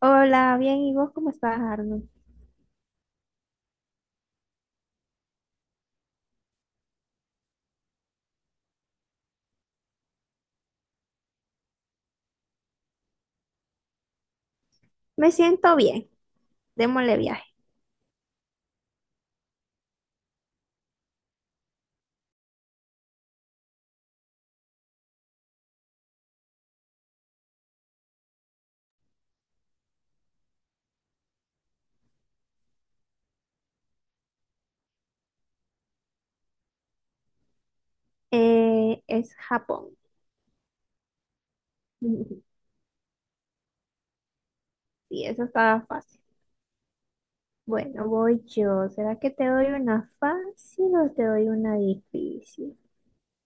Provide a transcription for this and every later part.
Hola, bien, ¿y vos cómo estás, Arnold? Me siento bien, démosle viaje. Es Japón. Sí, eso estaba fácil. Bueno, voy yo. ¿Será que te doy una fácil o te doy una difícil?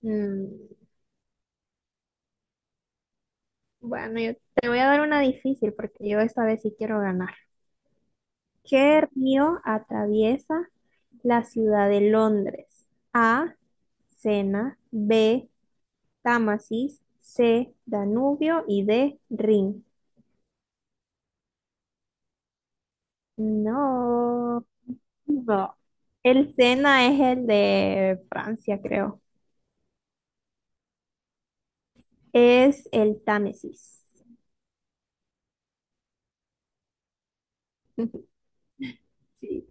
Mm, bueno, yo te voy a dar una difícil porque yo esta vez sí quiero ganar. ¿Qué río atraviesa la ciudad de Londres? A, Sena, B, Támesis, C, Danubio y D, Rin. No, no. El Sena es el de Francia, creo. Es el Támesis. Sí.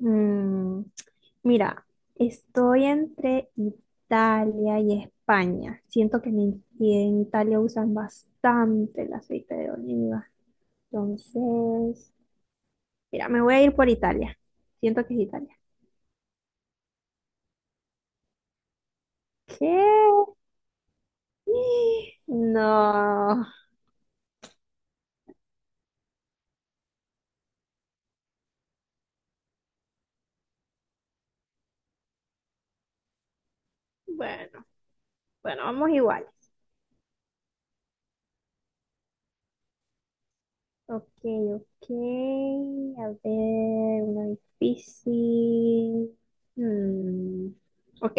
Mm, mira, estoy entre Italia y España. Siento que en Italia usan bastante el aceite de oliva. Entonces, mira, me voy a ir por Italia. Siento que es Italia. ¿Qué? No. Bueno, bueno, vamos igual. Ok, ok. A ver, una difícil. Mm, Ok.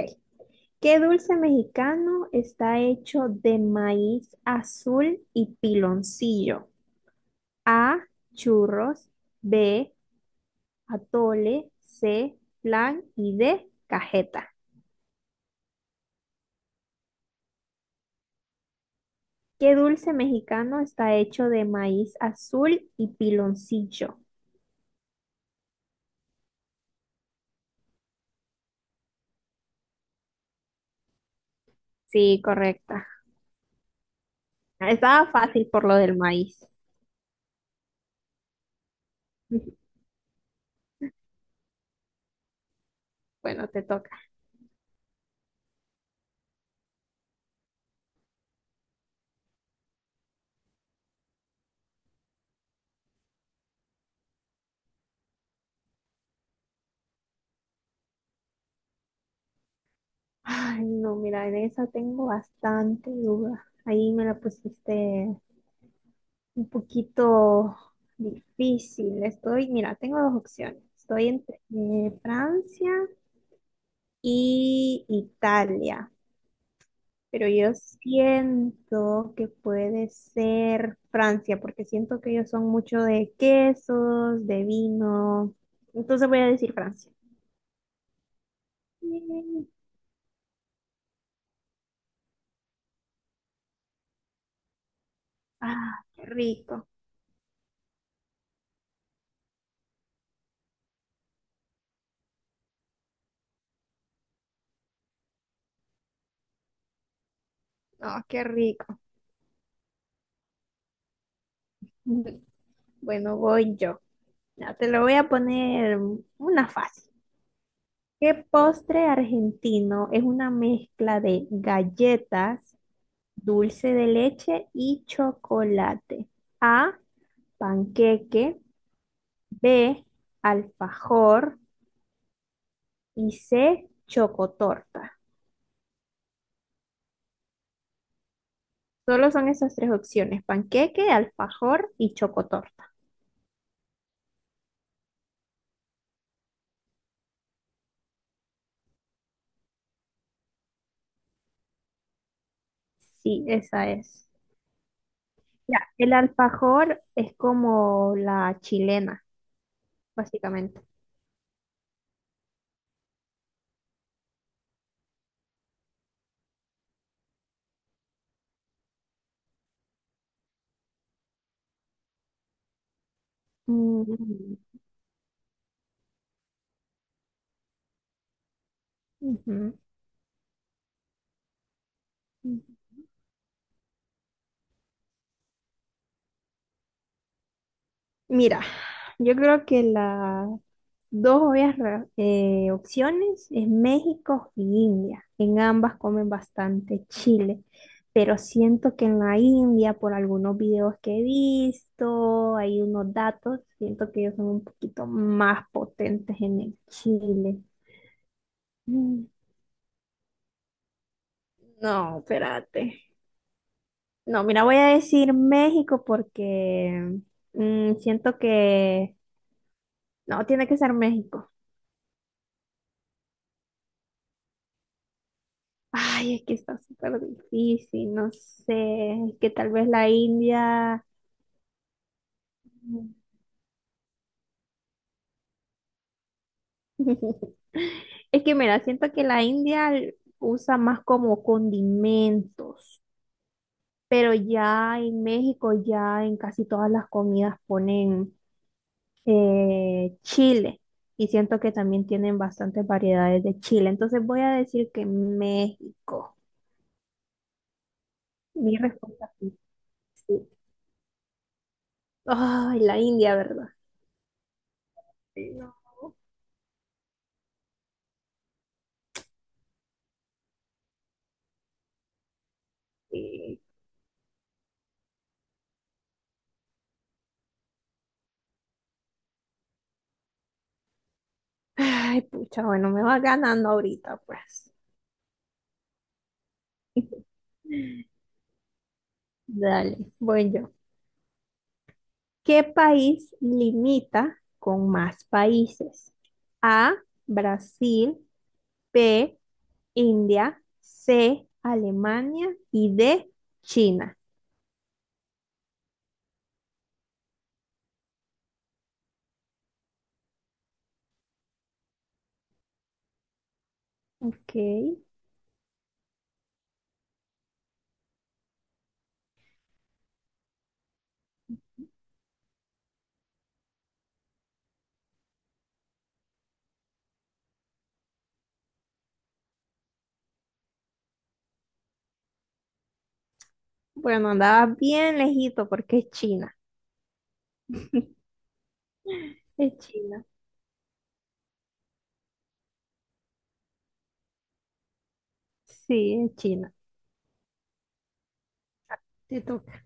¿Qué dulce mexicano está hecho de maíz azul y piloncillo? A, churros, B, atole, C, flan y D, cajeta. ¿Qué dulce mexicano está hecho de maíz azul y piloncillo? Sí, correcta. Estaba fácil por lo del maíz. Bueno, te toca. Ay, no, mira, en esa tengo bastante duda. Ahí me la pusiste un poquito difícil. Estoy, mira, tengo dos opciones. Estoy entre Francia y Italia, pero yo siento que puede ser Francia, porque siento que ellos son mucho de quesos, de vino. Entonces voy a decir Francia. Mm, Ah, qué rico. No, qué rico. Bueno, voy yo. Ya, te lo voy a poner una fácil. ¿Qué postre argentino es una mezcla de galletas, dulce de leche y chocolate? A, panqueque, B, alfajor y C, chocotorta. Solo son esas tres opciones, panqueque, alfajor y chocotorta. Sí, esa es. Ya, el alfajor es como la chilena, básicamente. Mm, ujú. Mira, yo creo que las dos obvias opciones es México y India. En ambas comen bastante chile, pero siento que en la India, por algunos videos que he visto, hay unos datos, siento que ellos son un poquito más potentes en el chile. Mm, No, espérate. No, mira, voy a decir México porque siento que... No, tiene que ser México. Ay, es que está súper difícil, no sé, es que tal vez la India... Es que mira, siento que la India usa más como condimentos, pero ya en México, ya en casi todas las comidas ponen chile y siento que también tienen bastantes variedades de chile. Entonces voy a decir que México. Mi respuesta es sí. Ay, la India, ¿verdad? Sí, No. Sí. Ay, pucha, bueno, me va ganando ahorita, pues. Dale, voy yo. ¿Qué país limita con más países? A, Brasil, B, India, C, Alemania y D, China. Ok. Bueno, andaba bien lejito porque es China. Es China. Sí, es China. Te toca.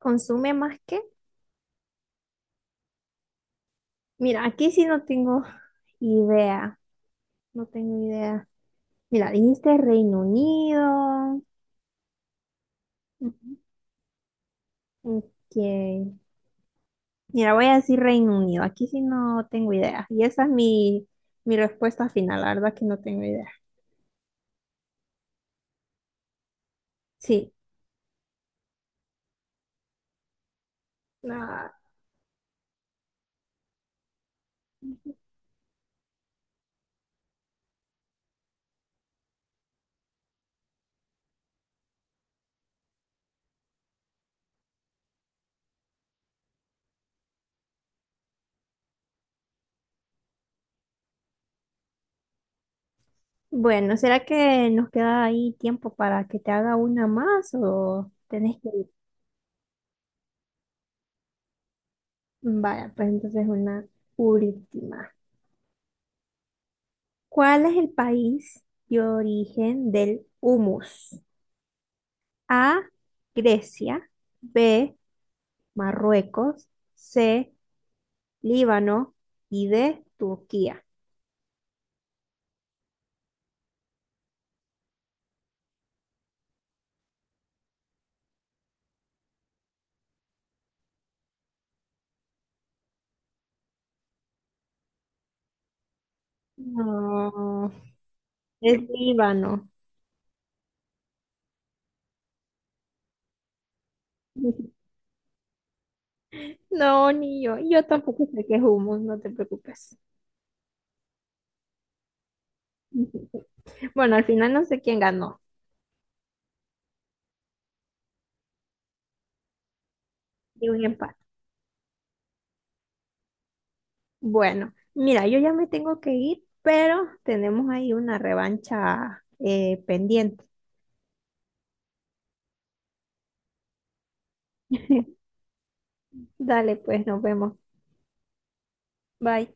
¿Consume más que? Mira, aquí sí no tengo idea. No tengo idea. Mira, dijiste Reino Unido. Ujú. Ok. Mira, voy a decir Reino Unido. Aquí sí no tengo idea. Y esa es mi respuesta final. La verdad que no tengo idea. Sí. Ah, bueno, ¿será que nos queda ahí tiempo para que te haga una más o tenés que ir? Vaya, pues entonces una última. ¿Cuál es el país de origen del humus? A, Grecia. B, Marruecos. C, Líbano y de Turquía. No, es Líbano. No, ni yo. Yo tampoco sé qué es humus, no te preocupes. Bueno, al final no sé quién ganó. Y un empate. Bueno, mira, yo ya me tengo que ir, pero tenemos ahí una revancha pendiente. Dale, pues nos vemos. Bye.